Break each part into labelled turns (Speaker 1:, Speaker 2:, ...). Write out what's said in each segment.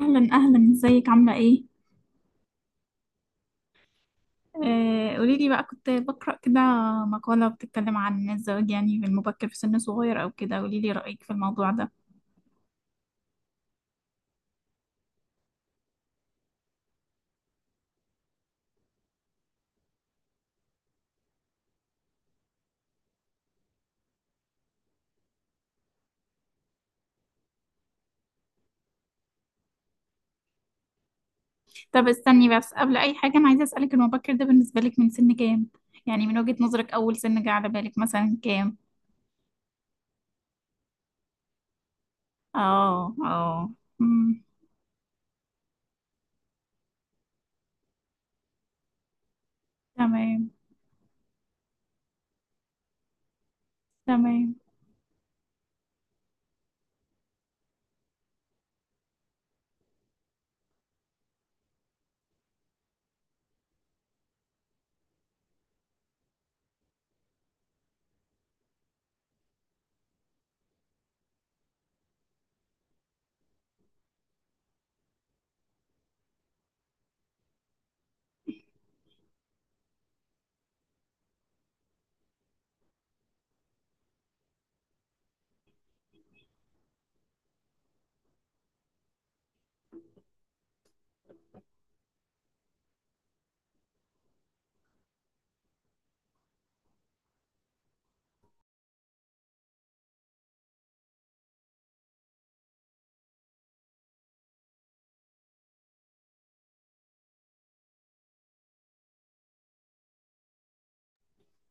Speaker 1: أهلا أهلا، ازيك؟ عاملة ايه؟ آه، قوليلي بقى. كنت بقرأ كده مقالة بتتكلم عن الزواج يعني بالمبكر في سن صغير أو كده. قوليلي رأيك في الموضوع ده. طب استني بس، قبل أي حاجة أنا عايزة أسألك، المبكر ده بالنسبة لك من سن كام؟ يعني من وجهة نظرك أول سن جه على بالك مثلا كام؟ اه، اه. أمم. تمام. تمام.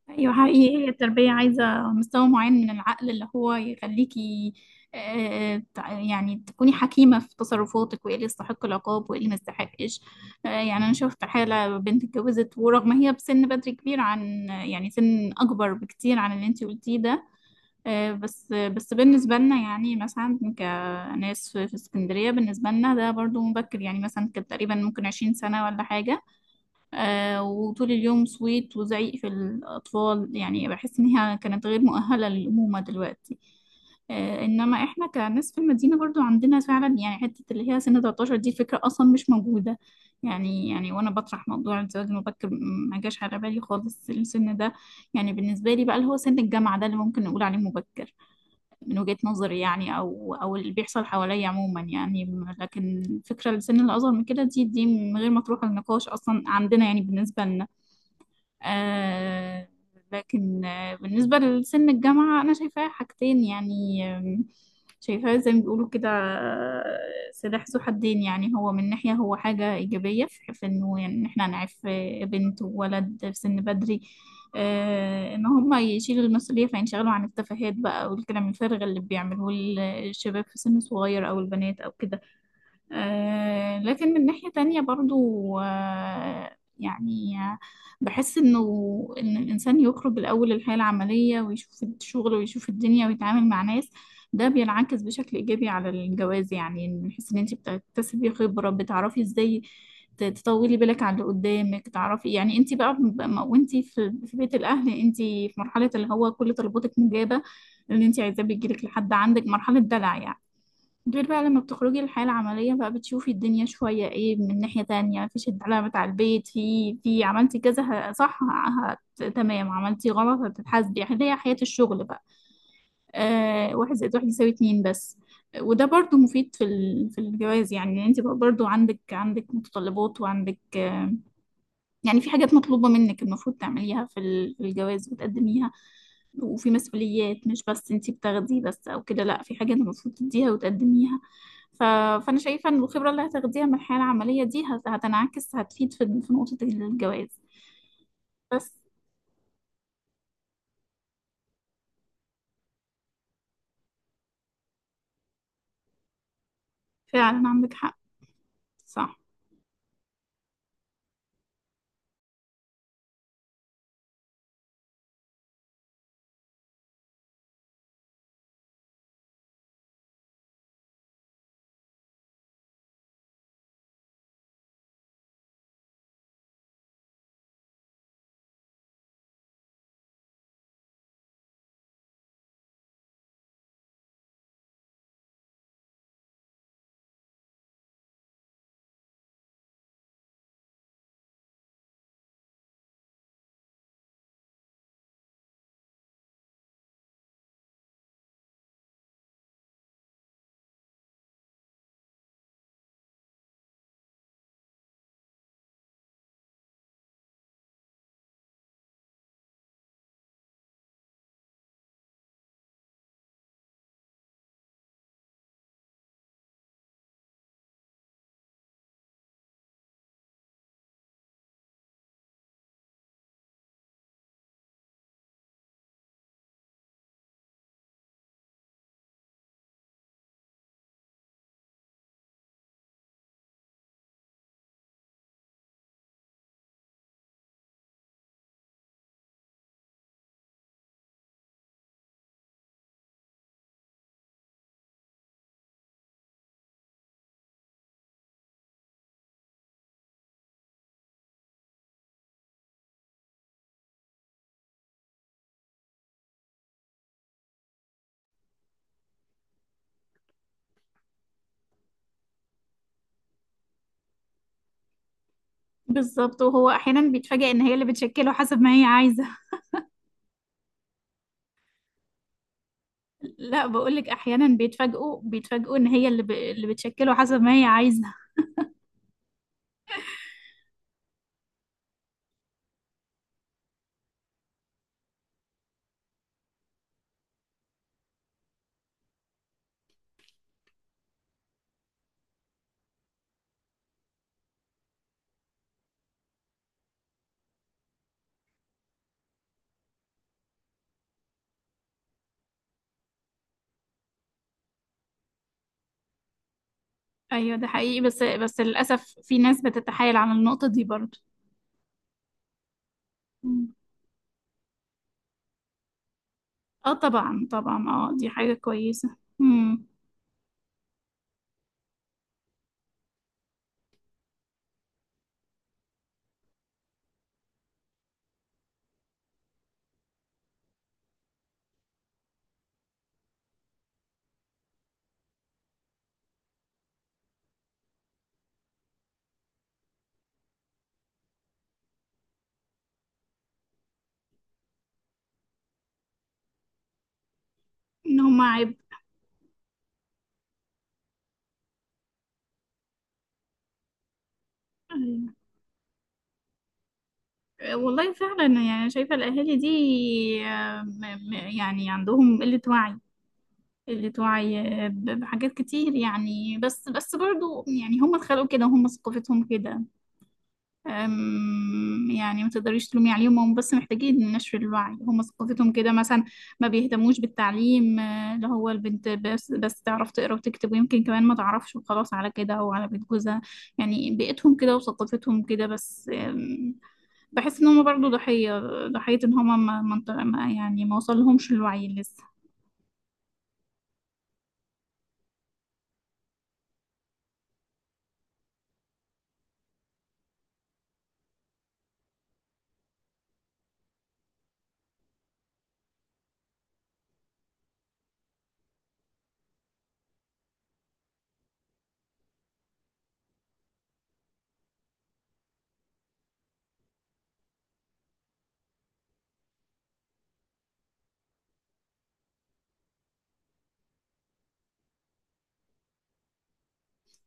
Speaker 1: ايوه، حقيقي هي التربية عايزة مستوى معين من العقل اللي هو يخليكي. آه، يعني تكوني حكيمة في تصرفاتك، وايه اللي يستحق العقاب وايه اللي ما يستحقش. آه، يعني انا شفت حالة بنت اتجوزت، ورغم هي بسن بدري كبير عن يعني سن اكبر بكتير عن اللي انتي قلتيه ده. آه، بس بس بالنسبة لنا يعني مثلا، كناس في اسكندرية، بالنسبة لنا ده برضو مبكر يعني. مثلا كانت تقريبا ممكن 20 سنة ولا حاجة. آه، وطول اليوم صويت وزعيق في الأطفال، يعني بحس إن هي كانت غير مؤهلة للأمومة دلوقتي. آه، إنما إحنا كناس في المدينة برضو عندنا فعلا يعني حتة، اللي هي سن 13 دي فكرة أصلا مش موجودة. يعني وأنا بطرح موضوع الزواج المبكر ما جاش على بالي خالص السن ده. يعني بالنسبة لي بقى اللي هو سن الجامعة ده اللي ممكن نقول عليه مبكر، من وجهة نظري يعني، او اللي بيحصل حواليا عموما يعني، لكن فكرة السن اللي اصغر من كده دي من غير ما تروح النقاش اصلا عندنا يعني بالنسبة لنا. آه. لكن بالنسبة لسن الجامعة أنا شايفاها حاجتين يعني. شايفاها زي ما بيقولوا كده. آه، سلاح ذو حدين. يعني هو من ناحية هو حاجة إيجابية، في في إنه يعني إن إحنا نعرف، بنت وولد في سن بدري. آه، إن هما يشيلوا المسؤولية فينشغلوا عن التفاهات بقى، والكلام الفارغ اللي بيعملوه الشباب في سن صغير أو البنات أو كده. آه، لكن من ناحية تانية برضو، يعني، بحس إنه، إن الإنسان يخرج الأول الحياة العملية ويشوف الشغل ويشوف الدنيا ويتعامل مع ناس، ده بينعكس بشكل إيجابي على الجواز. يعني من حيث إن أنت بتكتسبي خبرة، بتعرفي إزاي تطولي بالك على اللي قدامك. تعرفي يعني، أنت بقى، وأنت في في بيت الأهل أنت في مرحلة اللي هو كل طلباتك مجابة، اللي أنت عايزاه بيجيلك لحد عندك. مرحلة دلع يعني. غير بقى لما بتخرجي للحياة العملية بقى بتشوفي الدنيا شوية. ايه، من ناحية تانية مفيش الدلع بتاع البيت. في في عملتي كذا، صح. تمام، عملتي غلط هتتحاسبي، يعني هي حياة الشغل بقى. آه، واحد زائد واحد يساوي اتنين بس. وده برضو مفيد في الجواز يعني. يعني انت بقى برضو عندك متطلبات، وعندك. يعني في حاجات مطلوبة منك المفروض تعمليها في الجواز وتقدميها. وفي مسؤوليات، مش بس انتي بتاخديه بس او كده، لا، في حاجة انت المفروض تديها وتقدميها. ف... فانا شايفة ان الخبرة اللي هتاخديها من الحياة العملية دي هتنعكس، هتفيد في نقطة الجواز. بس فعلا عندك حق. صح. بالظبط. وهو احيانا بيتفاجئ ان هي اللي بتشكله حسب ما هي عايزة. لا، بقولك احيانا بيتفاجئوا ان هي اللي اللي بتشكله حسب ما هي عايزة. ايوه، ده حقيقي. بس بس للاسف في ناس بتتحايل على النقطة دي برضه. اه، طبعا طبعا، اه دي حاجة كويسة. ان هما عيب. آه، والله فعلا، يعني شايفة الأهالي دي، آه، يعني عندهم قلة وعي، قلة وعي. آه، بحاجات كتير يعني. بس بس برضو يعني هم اتخلقوا كده، هم ثقافتهم كده. يعني ما تقدريش تلومي عليهم. هم بس محتاجين نشر الوعي، هم ثقافتهم كده مثلا. ما بيهتموش بالتعليم، اللي هو البنت بس بس تعرف تقرا وتكتب، ويمكن كمان ما تعرفش وخلاص، على كده او على بيت جوزها. يعني بيئتهم كده وثقافتهم كده بس. بحس ان هم برضو ضحية. ضحية ان هم ما يعني ما وصلهمش الوعي لسه.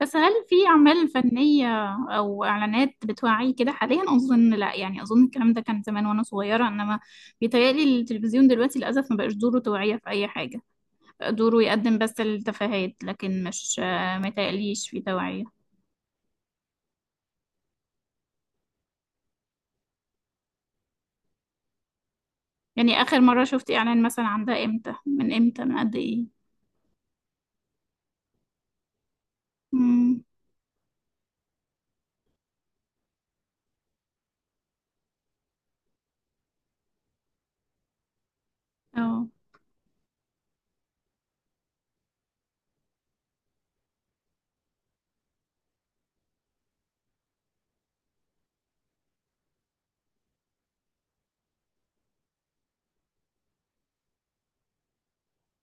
Speaker 1: بس هل في أعمال فنية أو إعلانات بتوعي كده حاليا؟ أظن لا يعني. أظن الكلام ده كان زمان وأنا صغيرة، إنما بيتهيألي التلفزيون دلوقتي للأسف ما بقاش دوره توعية في أي حاجة. دوره يقدم بس التفاهات، لكن مش آه، ما يتهيأليش في توعية. يعني آخر مرة شفت إعلان مثلا عن ده إمتى؟ من إمتى، من قد إيه؟ مم. أه.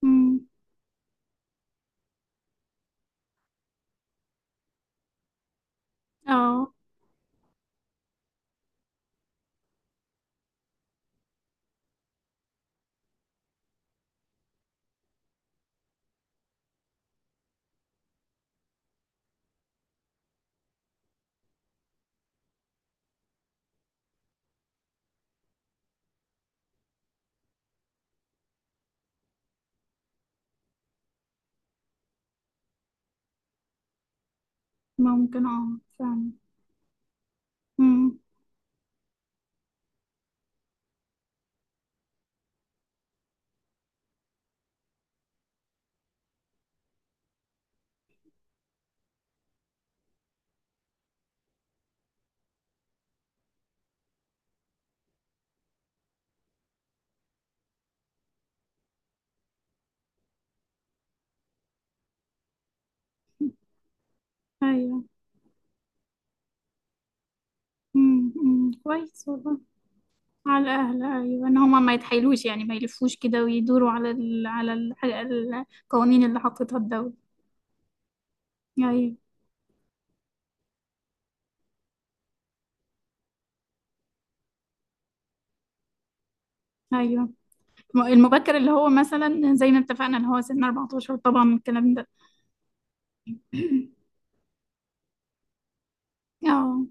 Speaker 1: مم. أه. ممكن، أه فعلا. مم. أيوه. مم. مم. كويس والله. على الأهل، أيوة، إن هما ما يتحايلوش يعني، ما يلفوش كده ويدوروا على القوانين اللي حطتها الدولة. أيوة. أيوة. المبكر اللي هو مثلا زي ما اتفقنا إن هو سن 14 طبعا، الكلام ده. اه.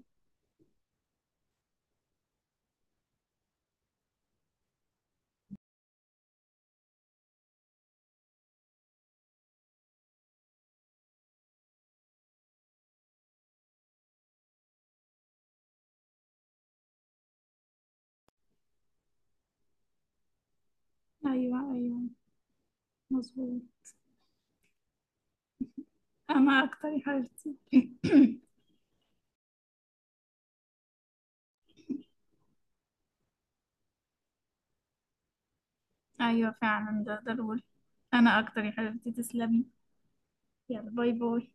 Speaker 1: أيوة أيوة. مظبوط. أنا أكتر يا حبيبتي. أيوة فعلا ده ضروري. أنا أكتر يا حبيبتي، تسلمي. يلا، باي باي.